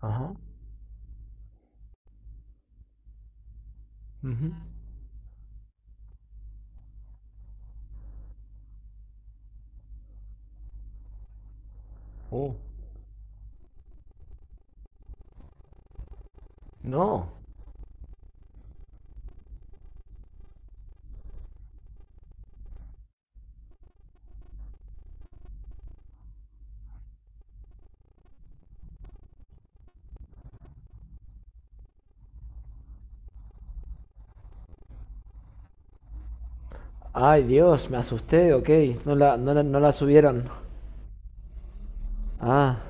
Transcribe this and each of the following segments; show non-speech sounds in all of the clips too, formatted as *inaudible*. Ajá. Ujú. Oh. No. Ay, Dios, me asusté, ok. No la subieron. Ah,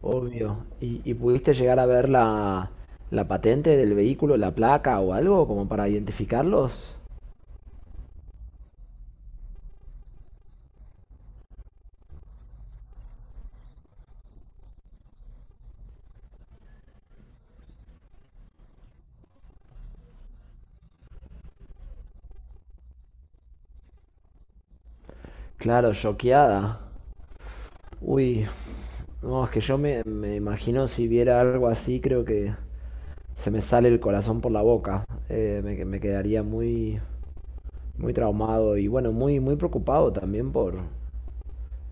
obvio. ¿Y, pudiste llegar a ver la, la patente del vehículo, la placa o algo como para identificarlos? Claro, choqueada. Uy, no, es que yo me imagino si viera algo así, creo que se me sale el corazón por la boca. Me quedaría muy, muy traumado y bueno, muy, muy preocupado también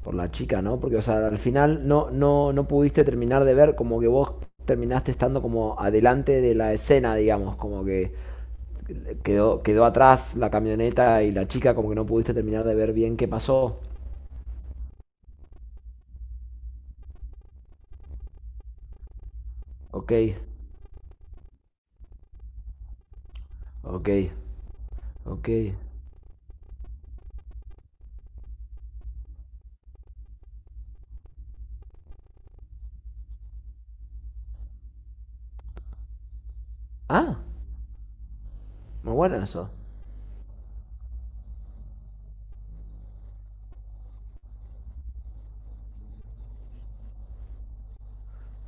por la chica, ¿no? Porque, o sea, al final no pudiste terminar de ver como que vos terminaste estando como adelante de la escena, digamos, como que quedó atrás la camioneta y la chica, como que no pudiste terminar de ver bien qué pasó. Ok, ok, ok. Ah, muy bueno eso.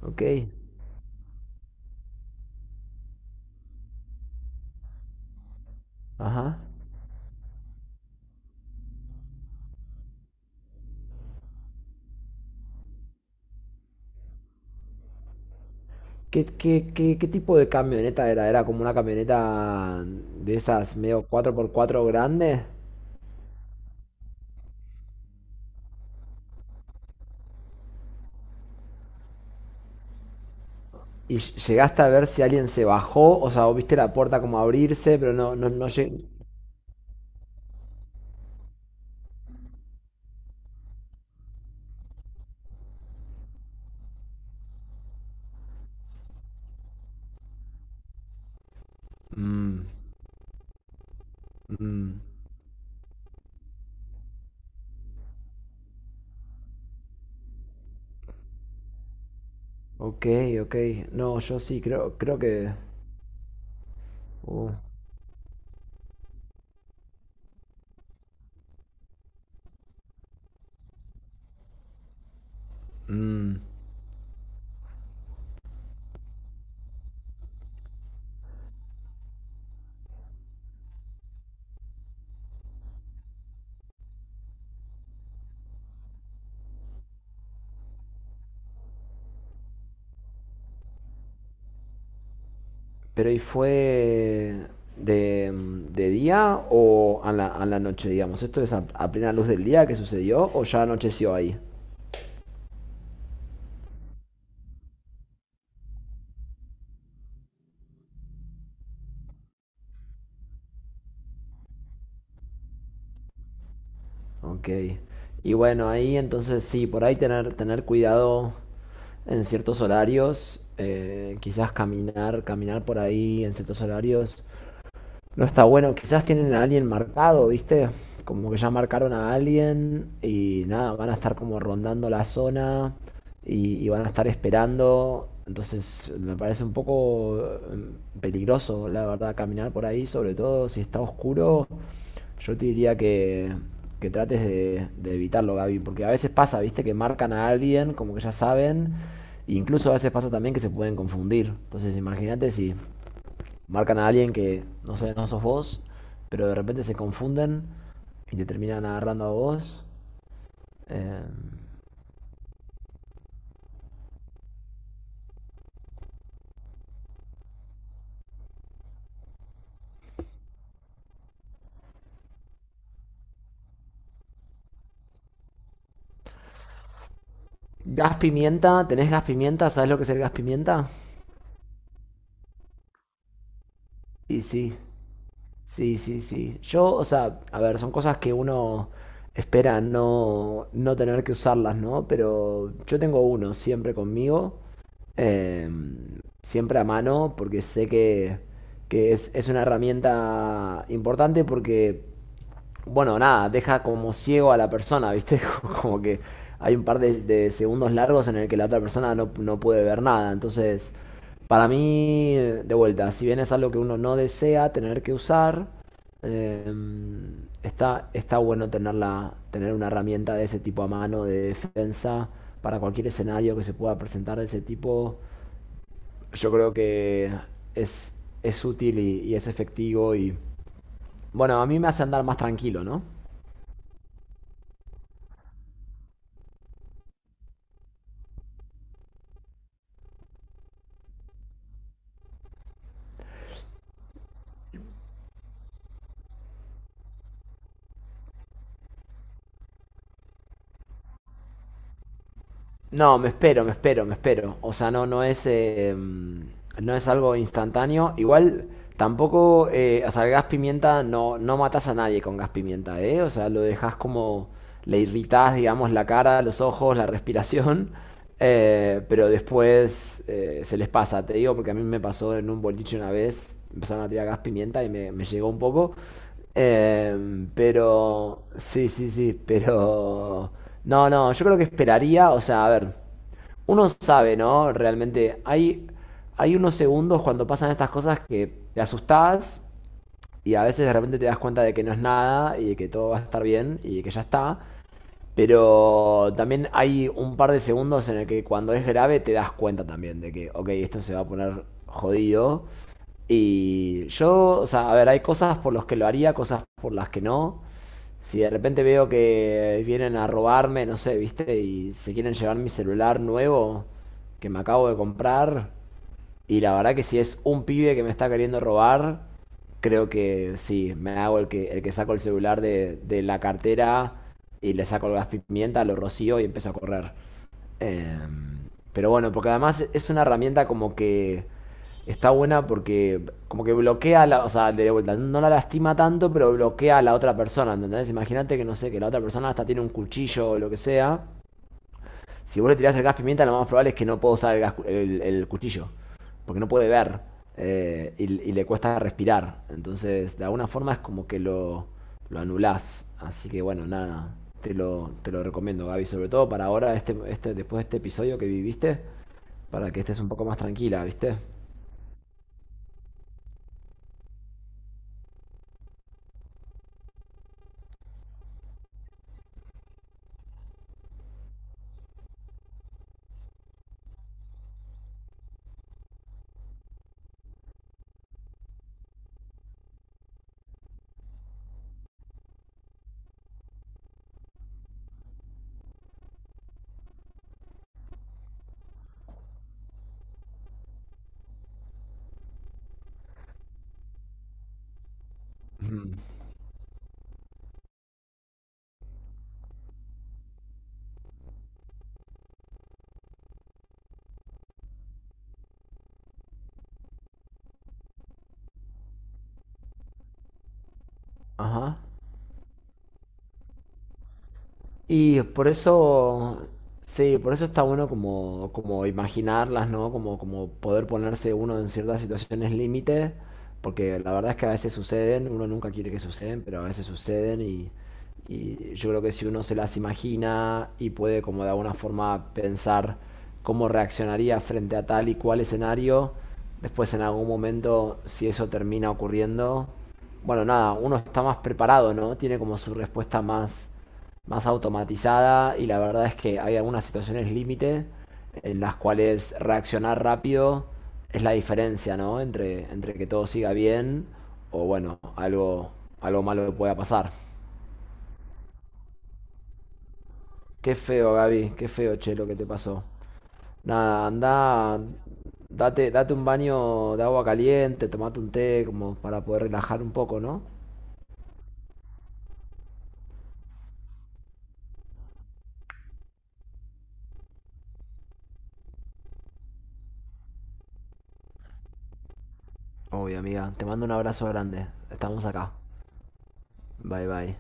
Ok, ajá. ¿Qué, qué tipo de camioneta era? ¿Era como una camioneta de esas medio cuatro por cuatro grandes? Y llegaste a ver si alguien se bajó, o sea, o viste la puerta como abrirse, pero no Mm, mm, ok, ok. No, yo sí, creo, creo que uh, mm. pero ¿y fue de, de día o a la noche, digamos? ¿Esto es a plena luz del día que sucedió o ya anocheció ahí? Ok. Y bueno, ahí entonces sí, por ahí tener cuidado en ciertos horarios, quizás caminar por ahí en ciertos horarios, no está bueno. Quizás tienen a alguien marcado, ¿viste? Como que ya marcaron a alguien y nada, van a estar como rondando la zona y, van a estar esperando. Entonces me parece un poco peligroso, la verdad, caminar por ahí, sobre todo si está oscuro. Yo te diría que trates de evitarlo, Gaby, porque a veces pasa, ¿viste? Que marcan a alguien, como que ya saben, e incluso a veces pasa también que se pueden confundir. Entonces imagínate si marcan a alguien que no sé, no sos vos, pero de repente se confunden y te terminan agarrando a vos. Eh, gas pimienta, ¿tenés gas pimienta? ¿Sabés lo que es el gas pimienta? Y sí, sí, sí, sí. Yo, o sea, a ver, son cosas que uno espera no, no tener que usarlas, ¿no? Pero yo tengo uno siempre conmigo, eh, siempre a mano, porque sé que es una herramienta importante porque bueno, nada, deja como ciego a la persona, ¿viste? *laughs* Como que hay un par de segundos largos en el que la otra persona no, no puede ver nada. Entonces, para mí, de vuelta, si bien es algo que uno no desea tener que usar, eh, está, está bueno tenerla, tener una herramienta de ese tipo a mano de defensa para cualquier escenario que se pueda presentar de ese tipo. Yo creo que es, es útil y es efectivo y, bueno, a mí me hace andar más tranquilo, ¿no? No, me espero, me espero, me espero. O sea, no, no es, no es algo instantáneo. Igual tampoco, o sea, el gas pimienta no, no matas a nadie con gas pimienta, ¿eh? O sea, lo dejas como, le irritas, digamos, la cara, los ojos, la respiración. Pero después se les pasa, te digo, porque a mí me pasó en un boliche una vez, empezaron a tirar gas pimienta y me llegó un poco. Pero sí, sí, sí, pero no, no, yo creo que esperaría, o sea, a ver, uno sabe, ¿no? Realmente hay, hay unos segundos cuando pasan estas cosas que te asustás, y a veces de repente te das cuenta de que no es nada y de que todo va a estar bien y de que ya está. Pero también hay un par de segundos en el que cuando es grave te das cuenta también de que, ok, esto se va a poner jodido. Y yo, o sea, a ver, hay cosas por las que lo haría, cosas por las que no. Si de repente veo que vienen a robarme, no sé, viste, y se quieren llevar mi celular nuevo que me acabo de comprar, y la verdad que si es un pibe que me está queriendo robar, creo que sí, me hago el que saco el celular de la cartera y le saco el gas pimienta, lo rocío y empiezo a correr. Eh, pero bueno, porque además es una herramienta como que está buena porque como que bloquea la, o sea, de vuelta, no la lastima tanto, pero bloquea a la otra persona, ¿entendés? Imagínate que no sé, que la otra persona hasta tiene un cuchillo o lo que sea si vos le tirás el gas pimienta, lo más probable es que no pueda usar el cuchillo. Porque no puede ver. Y le cuesta respirar. Entonces, de alguna forma es como que lo anulás. Así que bueno, nada. Te lo recomiendo, Gaby. Sobre todo para ahora, este, después de este episodio que viviste. Para que estés un poco más tranquila, ¿viste? Ujú. Ajá. Y por eso, sí, por eso está bueno como, como imaginarlas, ¿no? Como, como poder ponerse uno en ciertas situaciones límite, porque la verdad es que a veces suceden, uno nunca quiere que suceden, pero a veces suceden y, yo creo que si uno se las imagina y puede como de alguna forma pensar cómo reaccionaría frente a tal y cual escenario, después en algún momento, si eso termina ocurriendo, bueno, nada, uno está más preparado, ¿no? Tiene como su respuesta más automatizada y la verdad es que hay algunas situaciones límite en las cuales reaccionar rápido es la diferencia, ¿no? Entre, entre que todo siga bien o bueno, algo, algo malo pueda pasar. Qué feo, Gaby, qué feo, che, lo que te pasó. Nada, anda, date, date un baño de agua caliente, tomate un té como para poder relajar un poco, ¿no? Obvio, amiga, te mando un abrazo grande. Estamos acá. Bye, bye.